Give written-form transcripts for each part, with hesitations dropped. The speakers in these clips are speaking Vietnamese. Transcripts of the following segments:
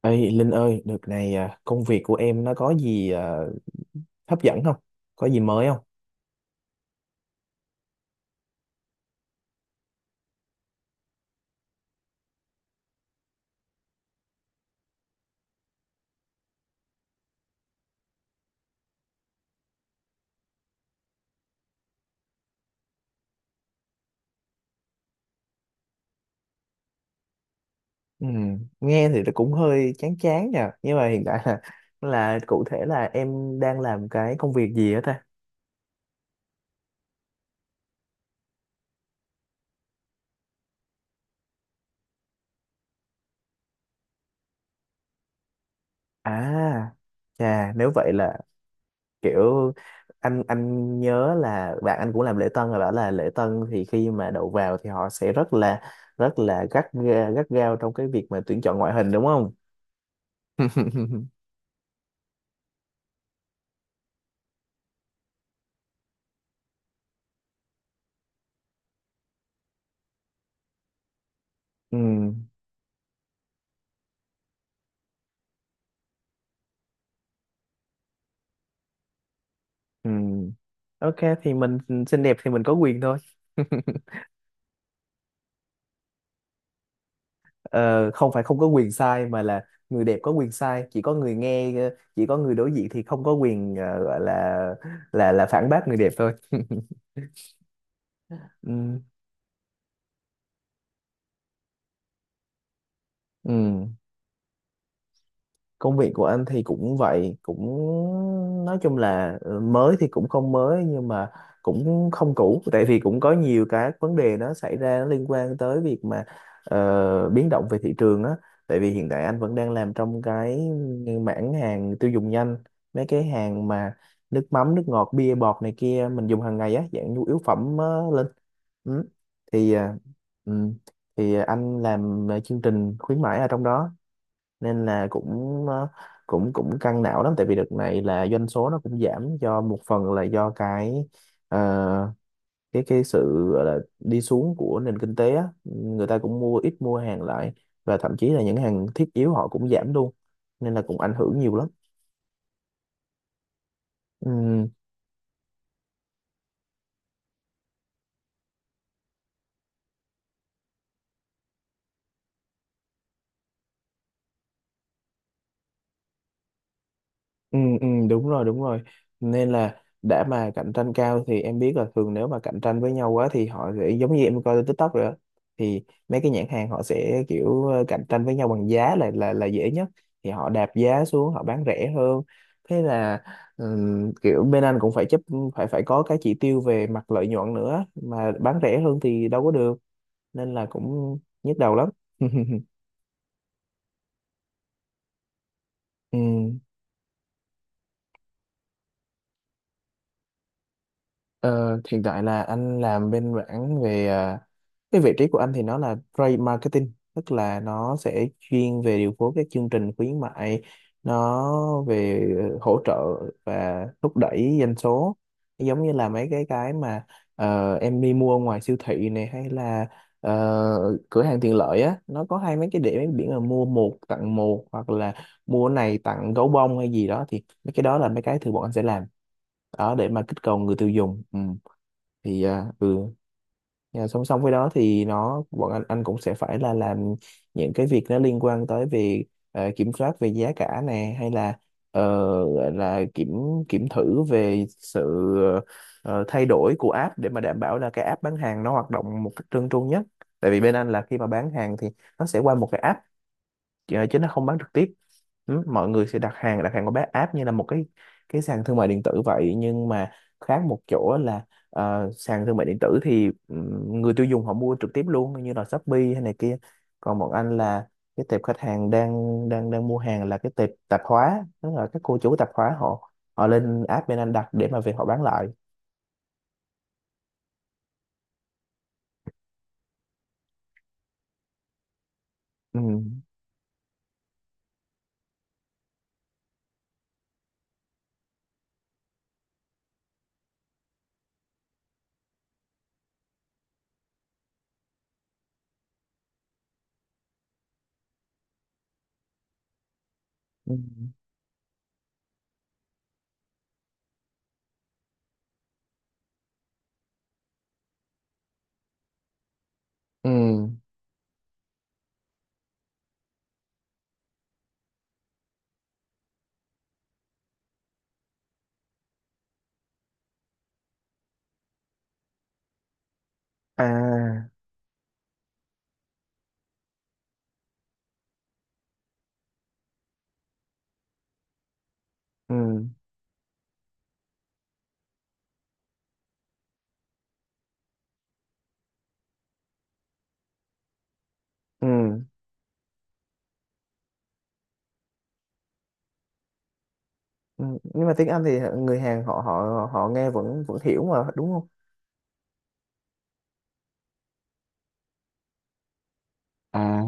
Ê Linh ơi, đợt này công việc của em nó có gì hấp dẫn không? Có gì mới không? Nghe thì nó cũng hơi chán chán nha. Nhưng mà hiện tại là, là cụ thể là em đang làm cái công việc gì á ta? À, chà, nếu vậy là kiểu anh nhớ là bạn anh cũng làm lễ tân rồi bảo là lễ tân thì khi mà đậu vào thì họ sẽ rất là gắt gao trong cái việc mà tuyển chọn ngoại hình đúng không? Ừ. Ừ. Ok, thì mình xinh đẹp thì mình có quyền thôi. Ờ, không phải không có quyền sai mà là người đẹp có quyền sai, chỉ có người nghe chỉ có người đối diện thì không có quyền gọi là phản bác người đẹp thôi. Ừ. Ừ. Công việc của anh thì cũng vậy, cũng nói chung là mới thì cũng không mới nhưng mà cũng không cũ, tại vì cũng có nhiều cái vấn đề nó xảy ra nó liên quan tới việc mà biến động về thị trường á. Tại vì hiện tại anh vẫn đang làm trong cái mảng hàng tiêu dùng nhanh, mấy cái hàng mà nước mắm, nước ngọt, bia bọt này kia mình dùng hàng ngày á, dạng nhu yếu phẩm lên. Ừ. Thì ừ. Thì anh làm chương trình khuyến mãi ở trong đó nên là cũng ờ, cũng cũng căng não lắm, tại vì đợt này là doanh số nó cũng giảm, do một phần là do cái ờ, cái sự gọi là đi xuống của nền kinh tế á. Người ta cũng mua ít, mua hàng lại, và thậm chí là những hàng thiết yếu họ cũng giảm luôn nên là cũng ảnh hưởng nhiều lắm. Ừ. Ừ, ừ, đúng rồi, đúng rồi, nên là đã mà cạnh tranh cao thì em biết là thường nếu mà cạnh tranh với nhau quá thì họ sẽ giống như em coi trên TikTok rồi đó, thì mấy cái nhãn hàng họ sẽ kiểu cạnh tranh với nhau bằng giá là dễ nhất, thì họ đạp giá xuống, họ bán rẻ hơn. Thế là kiểu bên anh cũng phải chấp phải phải có cái chỉ tiêu về mặt lợi nhuận nữa, mà bán rẻ hơn thì đâu có được, nên là cũng nhức đầu lắm. Ừ. Ờ, hiện tại là anh làm bên mảng về cái vị trí của anh thì nó là trade marketing, tức là nó sẽ chuyên về điều phối các chương trình khuyến mại. Nó về hỗ trợ và thúc đẩy doanh số, giống như là mấy cái mà em đi mua ngoài siêu thị này hay là ờ, cửa hàng tiện lợi á, nó có hai mấy cái điểm, mấy biển là mua một tặng một hoặc là mua này tặng gấu bông hay gì đó, thì mấy cái đó là mấy cái thường bọn anh sẽ làm đó để mà kích cầu người tiêu dùng. Ừ. Thì uh, và song song với đó thì nó bọn anh cũng sẽ phải là làm những cái việc nó liên quan tới về kiểm soát về giá cả nè, hay là ờ, gọi là kiểm kiểm thử về sự ờ, thay đổi của app để mà đảm bảo là cái app bán hàng nó hoạt động một cách trơn tru nhất. Tại vì bên anh là khi mà bán hàng thì nó sẽ qua một cái app chứ nó không bán trực tiếp. Mọi người sẽ đặt hàng qua bán app như là một cái sàn thương mại điện tử vậy, nhưng mà khác một chỗ là sàn thương mại điện tử thì người tiêu dùng họ mua trực tiếp luôn như là Shopee hay này kia, còn bọn anh là cái tệp khách hàng đang đang đang mua hàng là cái tệp tạp hóa, tức là các cô chủ tạp hóa họ họ lên app bên anh đặt để mà về họ bán lại. Ừ. Ừ. Ừ. À. Ừ. Ừ. Ừ, nhưng mà tiếng Anh thì người Hàn họ họ họ nghe vẫn vẫn hiểu mà đúng không? À,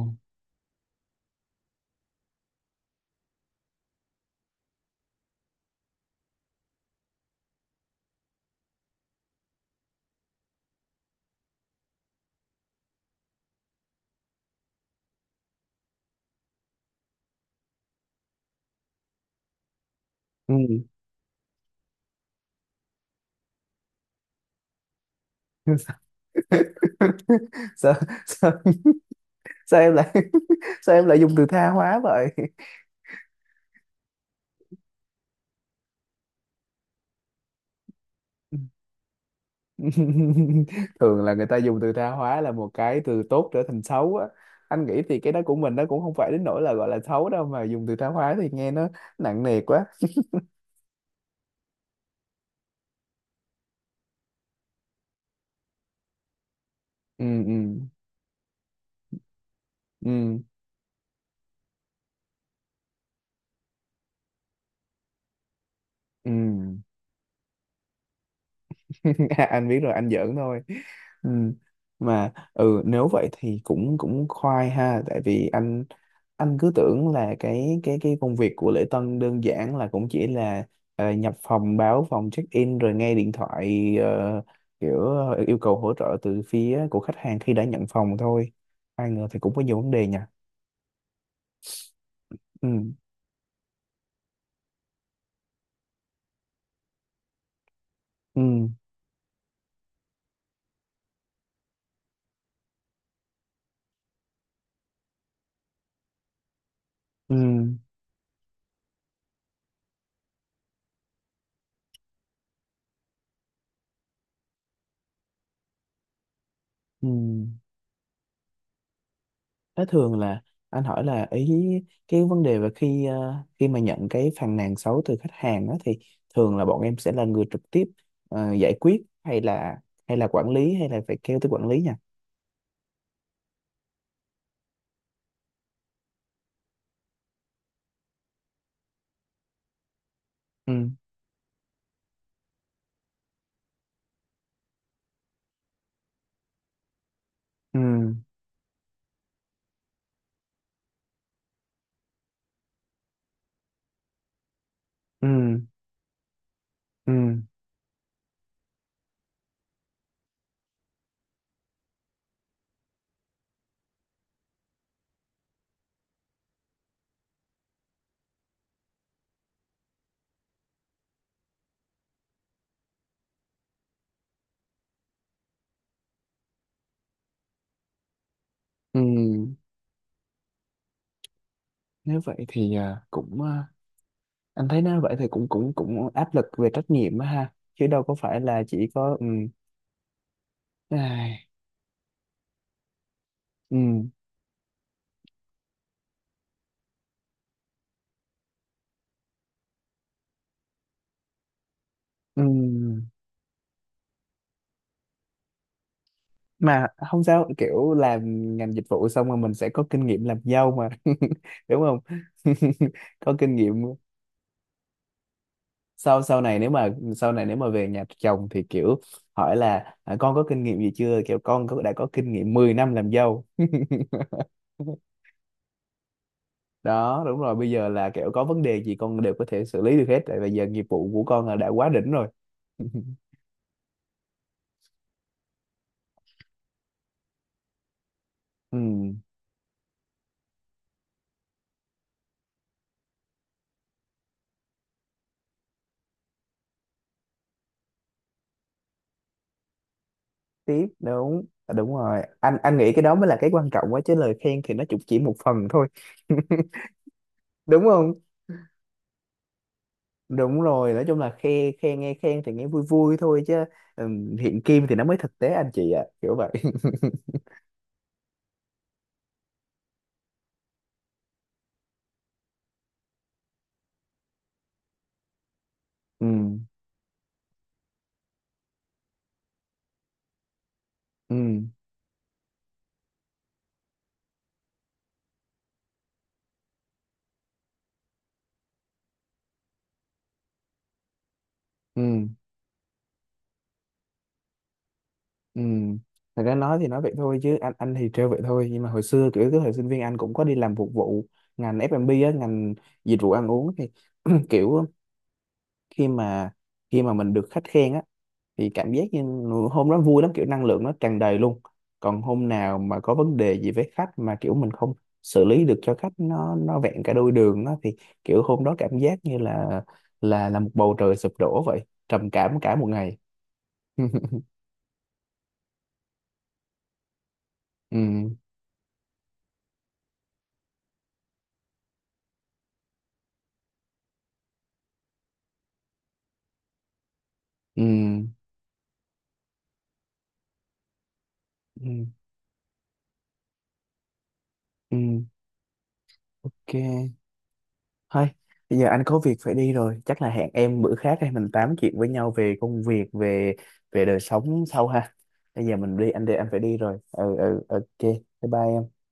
ừ. sao, sao sao em lại sao em lại dùng từ tha hóa vậy? Thường là người ta dùng từ tha hóa là một cái từ tốt trở thành xấu á. Anh nghĩ thì cái đó của mình nó cũng không phải đến nỗi là gọi là xấu đâu, mà dùng từ tha hóa thì nghe nó nặng nề quá. Ừ. Ừ. Ừ. Ừ. À, anh biết rồi, anh giỡn thôi. Ừ. Mà ừ, nếu vậy thì cũng cũng khoai ha, tại vì anh cứ tưởng là cái công việc của lễ tân đơn giản là cũng chỉ là nhập phòng, báo phòng, check in, rồi nghe điện thoại kiểu yêu cầu hỗ trợ từ phía của khách hàng khi đã nhận phòng thôi, ai ngờ thì cũng có nhiều vấn đề nha. Ừ. Ừ. Ừ. Ừ. Thế thường là anh hỏi là ý cái vấn đề về khi mà nhận cái phàn nàn xấu từ khách hàng đó thì thường là bọn em sẽ là người trực tiếp giải quyết hay là quản lý, hay là phải kêu tới quản lý nha. Ừ. Ừ. Ừ. Ừ. Ừ. Nếu vậy thì cũng anh thấy nếu vậy thì cũng cũng cũng áp lực về trách nhiệm á ha, chứ đâu có phải là chỉ có ừ ai, ừ ừ mà không, sao kiểu làm ngành dịch vụ xong rồi mình sẽ có kinh nghiệm làm dâu mà. Đúng không? Có kinh nghiệm. Sau sau này nếu mà sau này nếu mà về nhà chồng thì kiểu hỏi là à, con có kinh nghiệm gì chưa, kiểu con có, đã có kinh nghiệm 10 năm làm dâu. Đó đúng rồi, bây giờ là kiểu có vấn đề gì con đều có thể xử lý được hết, tại bây giờ nghiệp vụ của con là đã quá đỉnh rồi. Ừ, tiếp đúng à, đúng rồi, anh nghĩ cái đó mới là cái quan trọng quá, chứ lời khen thì nó cũng chỉ một phần thôi. Đúng không? Đúng rồi, nói chung là khen khen nghe khen thì nghe vui vui thôi, chứ hiện kim thì nó mới thực tế, anh chị ạ, kiểu vậy. Ừ. Ừ. Ừ. Ừ. Thật ra nói thì nói vậy thôi, chứ anh thì trêu vậy thôi, nhưng mà hồi xưa kiểu cái thời sinh viên anh cũng có đi làm phục vụ ngành F&B á, ngành dịch vụ ăn uống thì kiểu khi mà khi mà mình được khách khen á thì cảm giác như hôm đó vui lắm, kiểu năng lượng nó tràn đầy luôn. Còn hôm nào mà có vấn đề gì với khách mà kiểu mình không xử lý được cho khách nó vẹn cả đôi đường đó thì kiểu hôm đó cảm giác như là một bầu trời sụp đổ vậy, trầm cảm cả một ngày. Ừ. Ừ. Ừ. Ừ. Ok thôi, bây giờ anh có việc phải đi rồi, chắc là hẹn em bữa khác hay mình tám chuyện với nhau về công việc, về về đời sống sau ha. Bây giờ mình đi, anh đi, anh phải đi rồi. Ừ. Ừ. Ok. Bye bye em.